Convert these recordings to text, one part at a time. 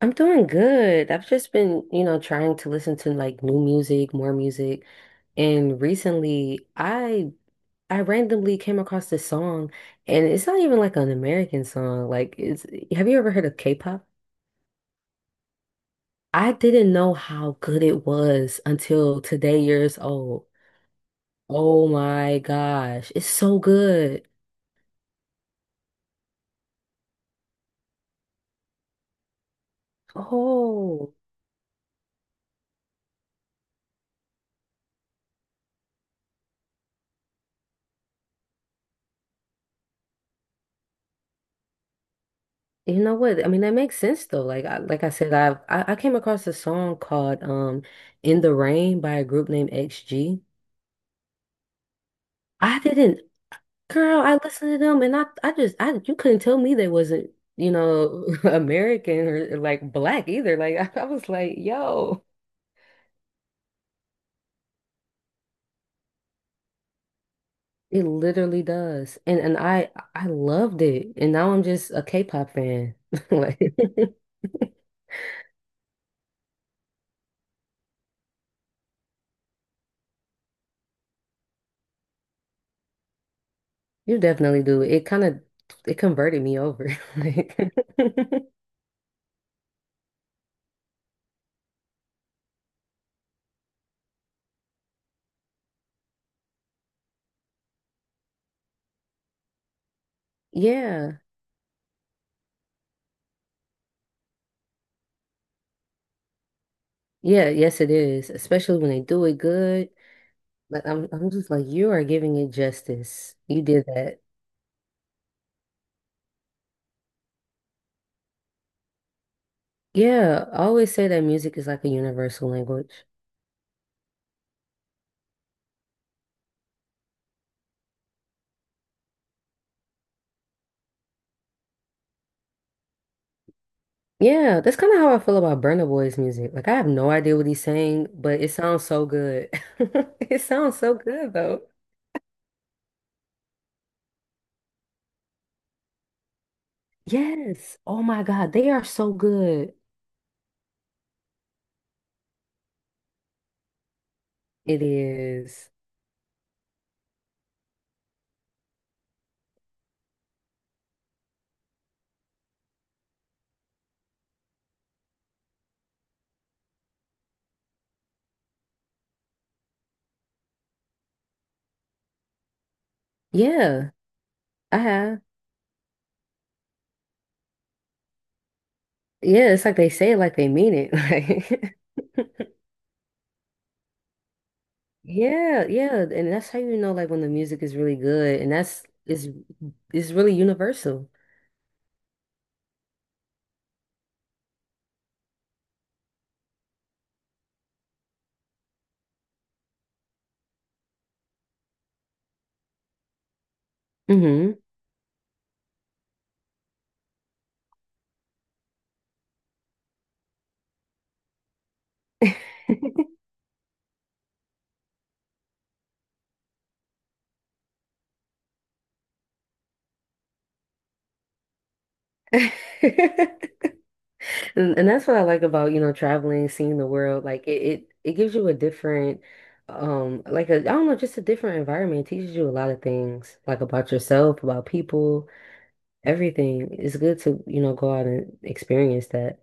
I'm doing good. I've just been, you know, trying to listen to like new music, more music. And recently I randomly came across this song, and it's not even like an American song. Like it's have you ever heard of K-pop? I didn't know how good it was until today years old. Oh my gosh, it's so good. Oh. You know what? I mean, that makes sense though. Like I said, I came across a song called In the Rain by a group named XG. I didn't Girl, I listened to them and I you couldn't tell me they wasn't, you know, American or, like, black either. Like I was like, yo, it literally does. And I loved it. And now I'm just a K-pop fan. Like you definitely do. It kind of it converted me over. Like Yeah, yeah, yes, it is, especially when they do it good. Like I'm just like, you are giving it justice. You did that. Yeah, I always say that music is like a universal language. Yeah, that's kind of how I feel about Burna Boy's music. Like I have no idea what he's saying, but it sounds so good. It sounds so good though. Yes. Oh my God, they are so good. It is. Yeah, I have. Yeah, it's like they say it like they mean it. Like yeah, yeah, and that's how you know like when the music is really good, and that's is really universal. Hmm. And that's what I like about, you know, traveling, seeing the world. Like it gives you a different, like I don't know, just a different environment. It teaches you a lot of things, like about yourself, about people, everything. It's good to, you know, go out and experience that.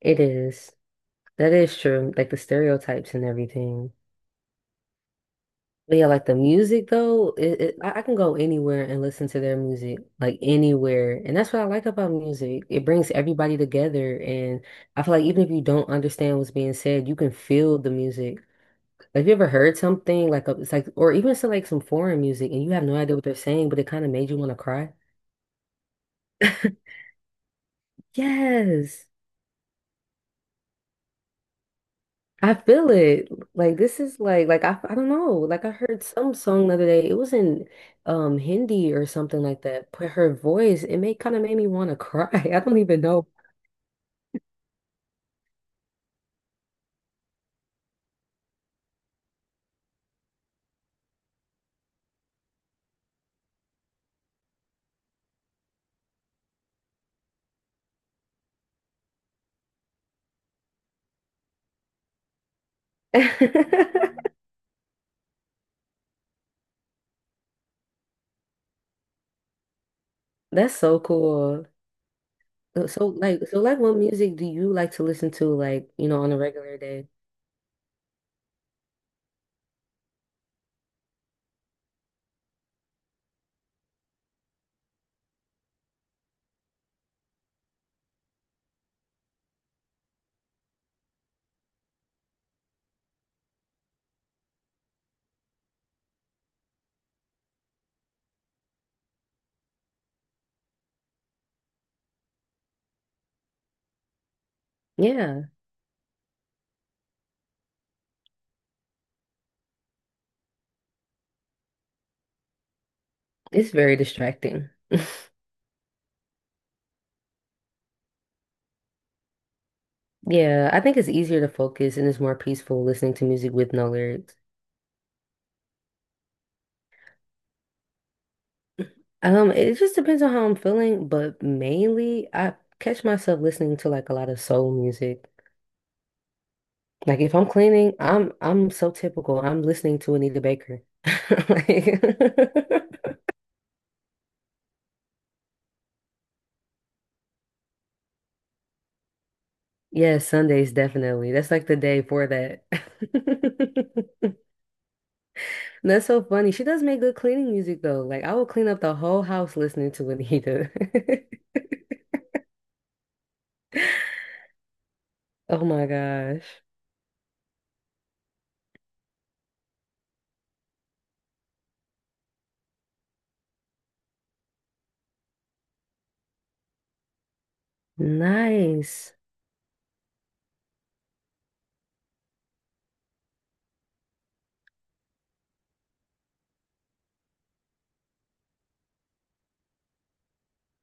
It is. That is true. Like the stereotypes and everything. But yeah, like the music though, it I can go anywhere and listen to their music, like anywhere. And that's what I like about music. It brings everybody together. And I feel like even if you don't understand what's being said, you can feel the music. Have you ever heard something like a, it's like or even it's like some foreign music and you have no idea what they're saying, but it kind of made you want to cry? Yes. I feel it. Like this is like I don't know. Like I heard some song the other day. It was in Hindi or something like that. But her voice, it made kind of made me want to cry. I don't even know. That's so cool. So like what music do you like to listen to like, you know, on a regular day? Yeah, it's very distracting. Yeah, I think it's easier to focus and it's more peaceful listening to music with no lyrics. It just depends on how I'm feeling, but mainly I catch myself listening to like a lot of soul music. Like if I'm cleaning, I'm so typical. I'm listening to Anita Baker. Like, yeah, Sundays definitely. That's like the day for that. That's so funny. She does make good cleaning music though. Like I will clean up the whole house listening to Anita. Oh my gosh. Nice.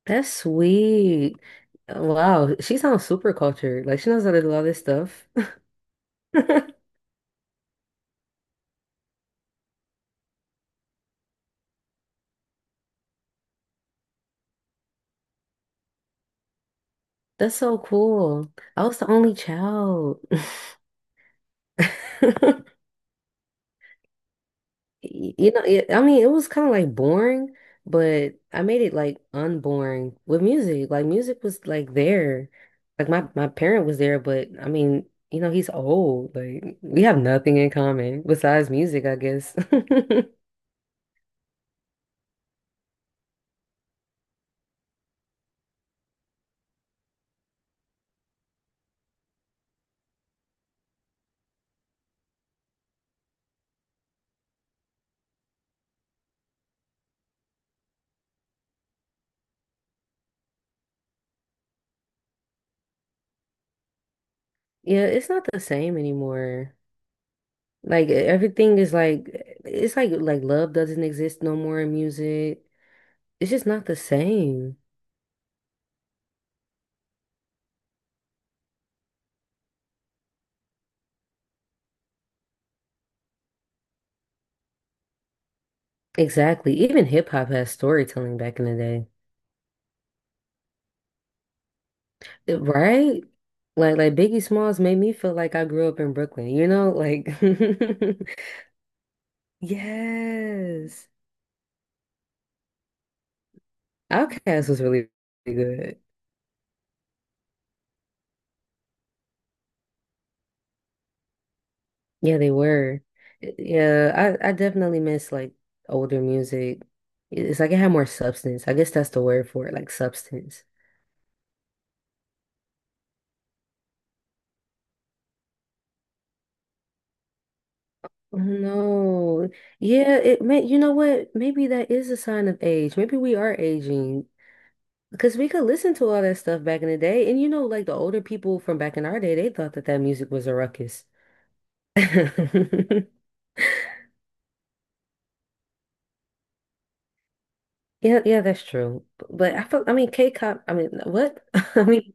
That's sweet. Wow. She sounds super cultured. Like she knows how to do all this stuff. That's so cool. I was the only child. You know, it, I mean, it was kind of like boring, but I made it like unboring with music. Like music was like there. Like my parent was there, but I mean, you know, he's old. Like we have nothing in common besides music, I guess. Yeah, it's not the same anymore. Like everything is like it's like love doesn't exist no more in music. It's just not the same. Exactly. Even hip hop has storytelling back in the day. Right? Like Biggie Smalls made me feel like I grew up in Brooklyn, you know? Like yes. Outkast was really good. Yeah, they were. Yeah, I definitely miss like older music. It's like it had more substance. I guess that's the word for it, like substance. No. Yeah, it may you know what? Maybe that is a sign of age. Maybe we are aging. Because we could listen to all that stuff back in the day. And you know, like the older people from back in our day, they thought that that music was a ruckus. Yeah, yeah, that's true. But I feel, I mean, K-pop, I mean, what?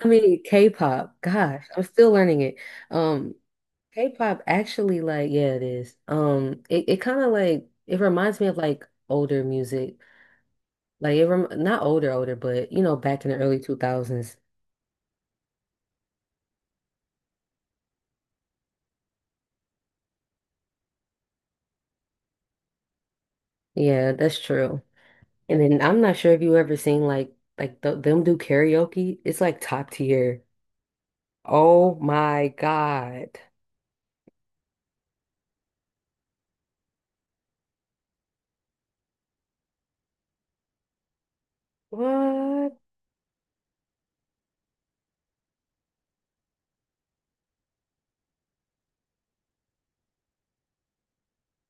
I mean, K-pop, gosh, I'm still learning it. Um, K-pop actually like, yeah, it is. Um, it kind of like, it reminds me of like older music. Like it rem not older, older, but you know, back in the early 2000s. Yeah, that's true. And then I'm not sure if you ever seen like th them do karaoke. It's like top tier. Oh my God. What?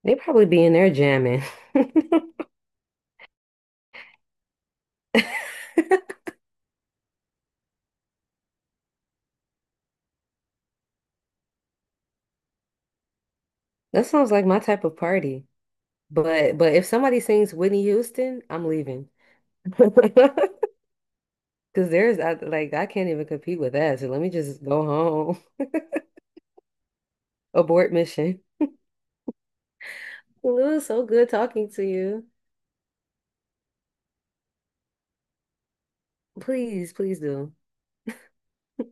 They probably be in there jamming. That sounds like my type of party. But if somebody sings Whitney Houston, I'm leaving. Because like I can't even compete with that. So let me just go home. Abort mission. Well, it was so good talking to you. Please, please do.